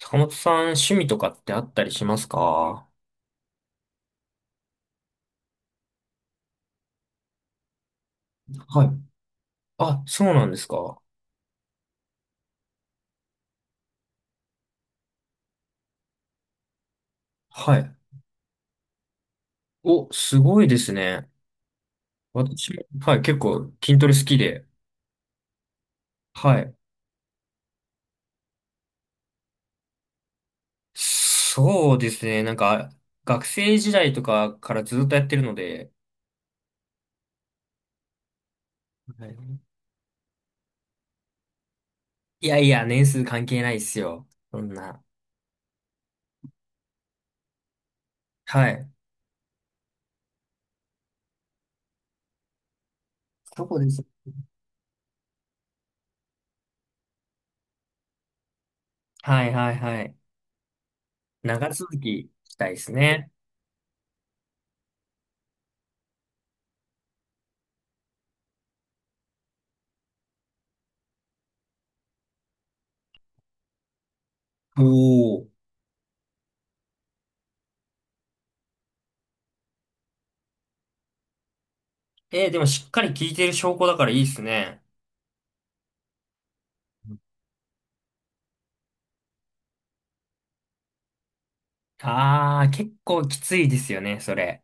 坂本さん、趣味とかってあったりしますか。はい。あ、そうなんですか。はい。お、すごいですね。私も、はい、結構筋トレ好きで。はい。そうですね。なんか、学生時代とかからずっとやってるので、はい。いやいや、年数関係ないっすよ。そんな。はい。そうです。はいはいはい。長続きしたいですね。おお。えー、でもしっかり聞いてる証拠だからいいっすね。ああ、結構きついですよね、それ。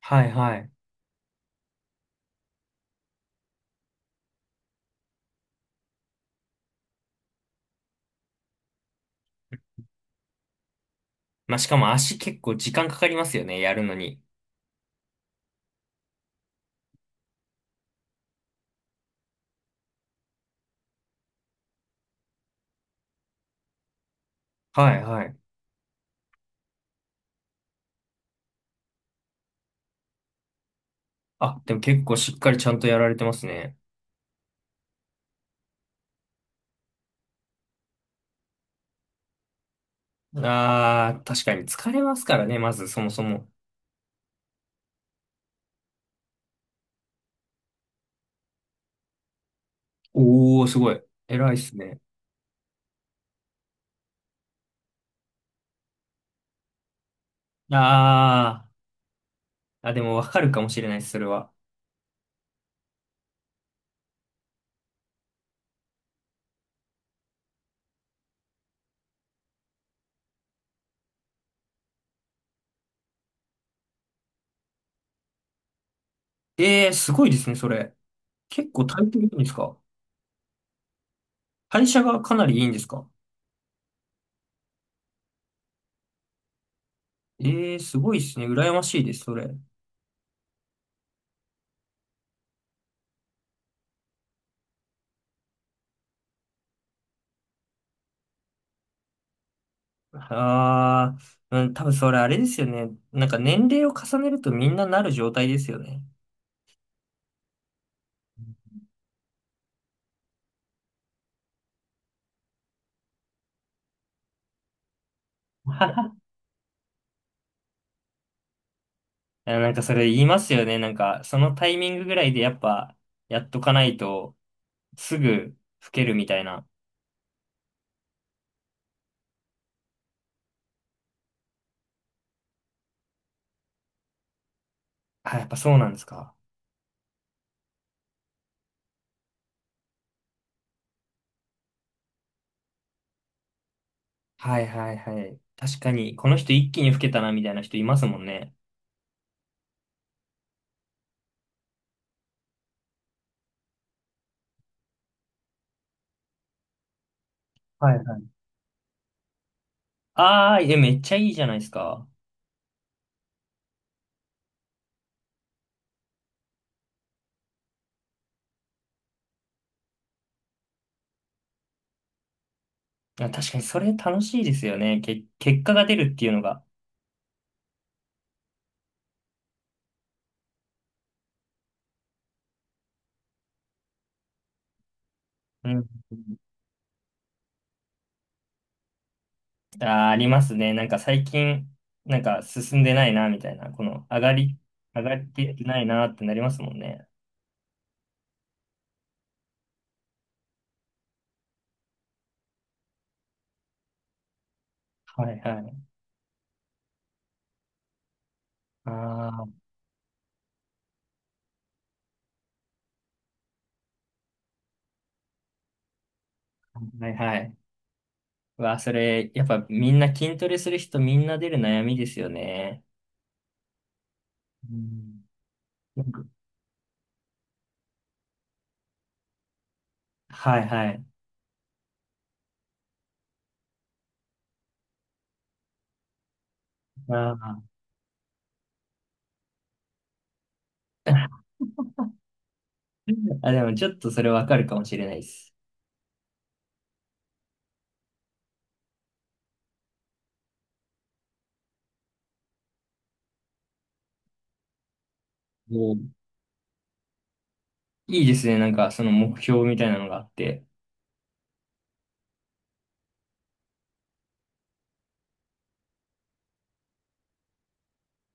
はいはい。まあ、しかも足結構時間かかりますよね、やるのに。はいはい。あ、でも結構しっかりちゃんとやられてますね。ああ、確かに疲れますからね、まずそもそも。おー、すごい。偉いっすね。ああ、あ、でもわかるかもしれないです、それは。ええー、すごいですね、それ。結構体験いいんですか。代謝がかなりいいんですか。ええー、すごいですね。羨ましいです、それ。ああ、うん、多分それあれですよね。なんか年齢を重ねるとみんななる状態ですよね。あ、なんかそれ言いますよね。なんかそのタイミングぐらいでやっぱやっとかないとすぐ老けるみたいな。あ、やっぱそうなんですか。はいはいはい。確かに、この人一気に老けたなみたいな人いますもんね。はいはい。ああ、いや、めっちゃいいじゃないですか。あ、確かにそれ楽しいですよね。け、結果が出るっていうのが。うん。あー、ありますね。なんか最近、なんか進んでないな、みたいな。この上がり、上がってないなってなりますもんね。はいはい。ああ、はいはい。うわ、それ、やっぱみんな筋トレする人みんな出る悩みですよね。うん。なんか、はいはい。あー。 あ、でもちょっとそれわかるかもしれないです。もう、いいですね。なんかその目標みたいなのがあって。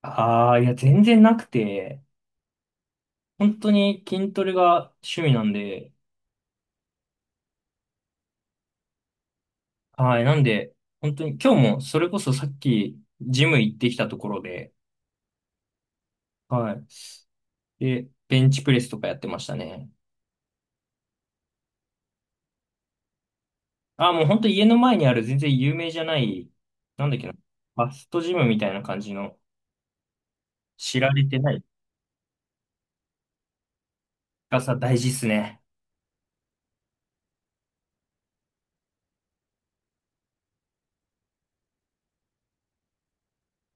ああ、いや、全然なくて、本当に筋トレが趣味なんで、はい。なんで、本当に今日もそれこそさっきジム行ってきたところで、はい。で、ベンチプレスとかやってましたね。あ、もう本当家の前にある全然有名じゃない、なんだっけな、ファストジムみたいな感じの知られてない、がさ大事っすね。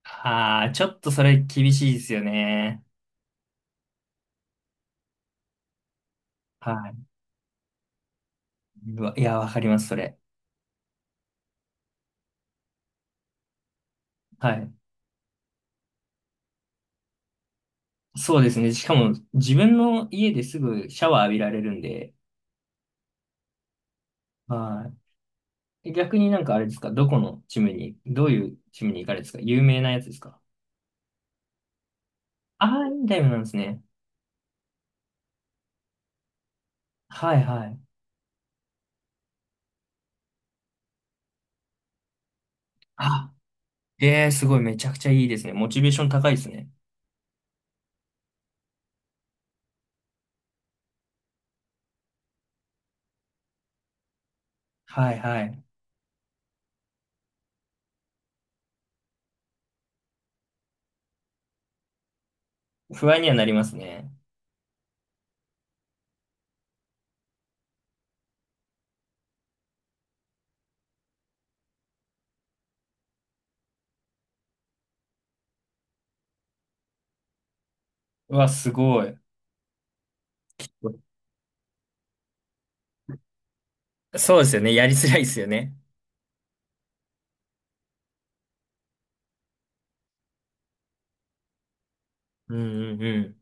ああ、ちょっとそれ厳しいですよね。はい。うわ、いや、わかります、それ。はい。そうですね。しかも自分の家ですぐシャワー浴びられるんで、はい。え、逆になんかあれですか、どこのチームに、どういうチームに行かれですか、有名なやつですか。ああー、インタイムなんですね。はいはい。あ、えー、すごい、めちゃくちゃいいですね。モチベーション高いですね。はいはい。不安にはなりますね。うわ、すごい。そうですよね。やりづらいですよね。うんうんうん。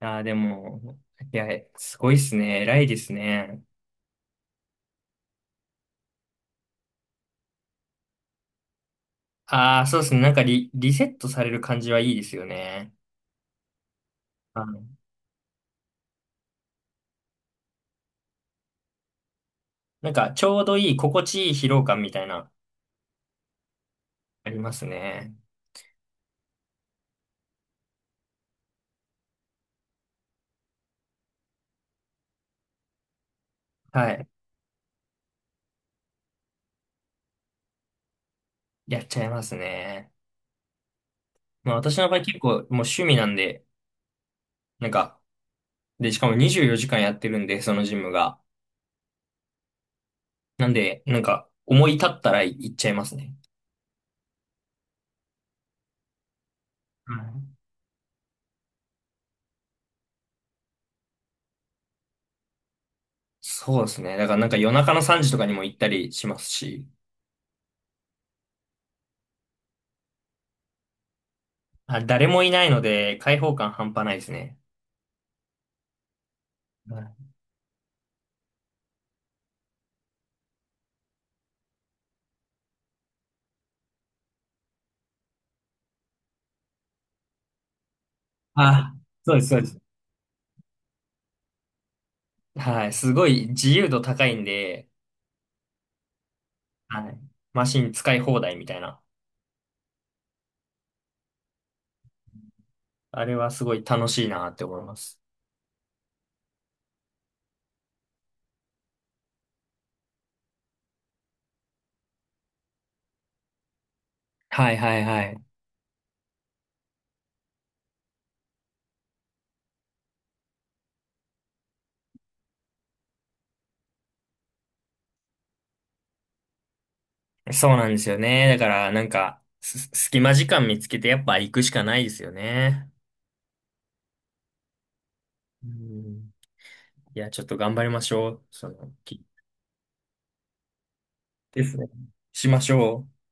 ああ、でも、いや、すごいですね。偉いですね。ああ、そうですね。なんかリ、リセットされる感じはいいですよね。あの、なんか、ちょうどいい、心地いい疲労感みたいな、ありますね。はい。やっちゃいますね。まあ私の場合結構もう趣味なんで、なんか、で、しかも24時間やってるんで、そのジムが。なんで、なんか、思い立ったら行っちゃいますね。はい。そうですね。だからなんか夜中の3時とかにも行ったりしますし、あ、誰もいないので開放感半端ないですね。はい。あ、そうです、そうです。はい。すごい自由度高いんで、はい。マシン使い放題みたいな。あれはすごい楽しいなって思います。はいはいはい。そうなんですよね。だから、なんか、す隙間時間見つけてやっぱ行くしかないですよね。うん。いや、ちょっと頑張りましょう。その、き、ですね。しましょう。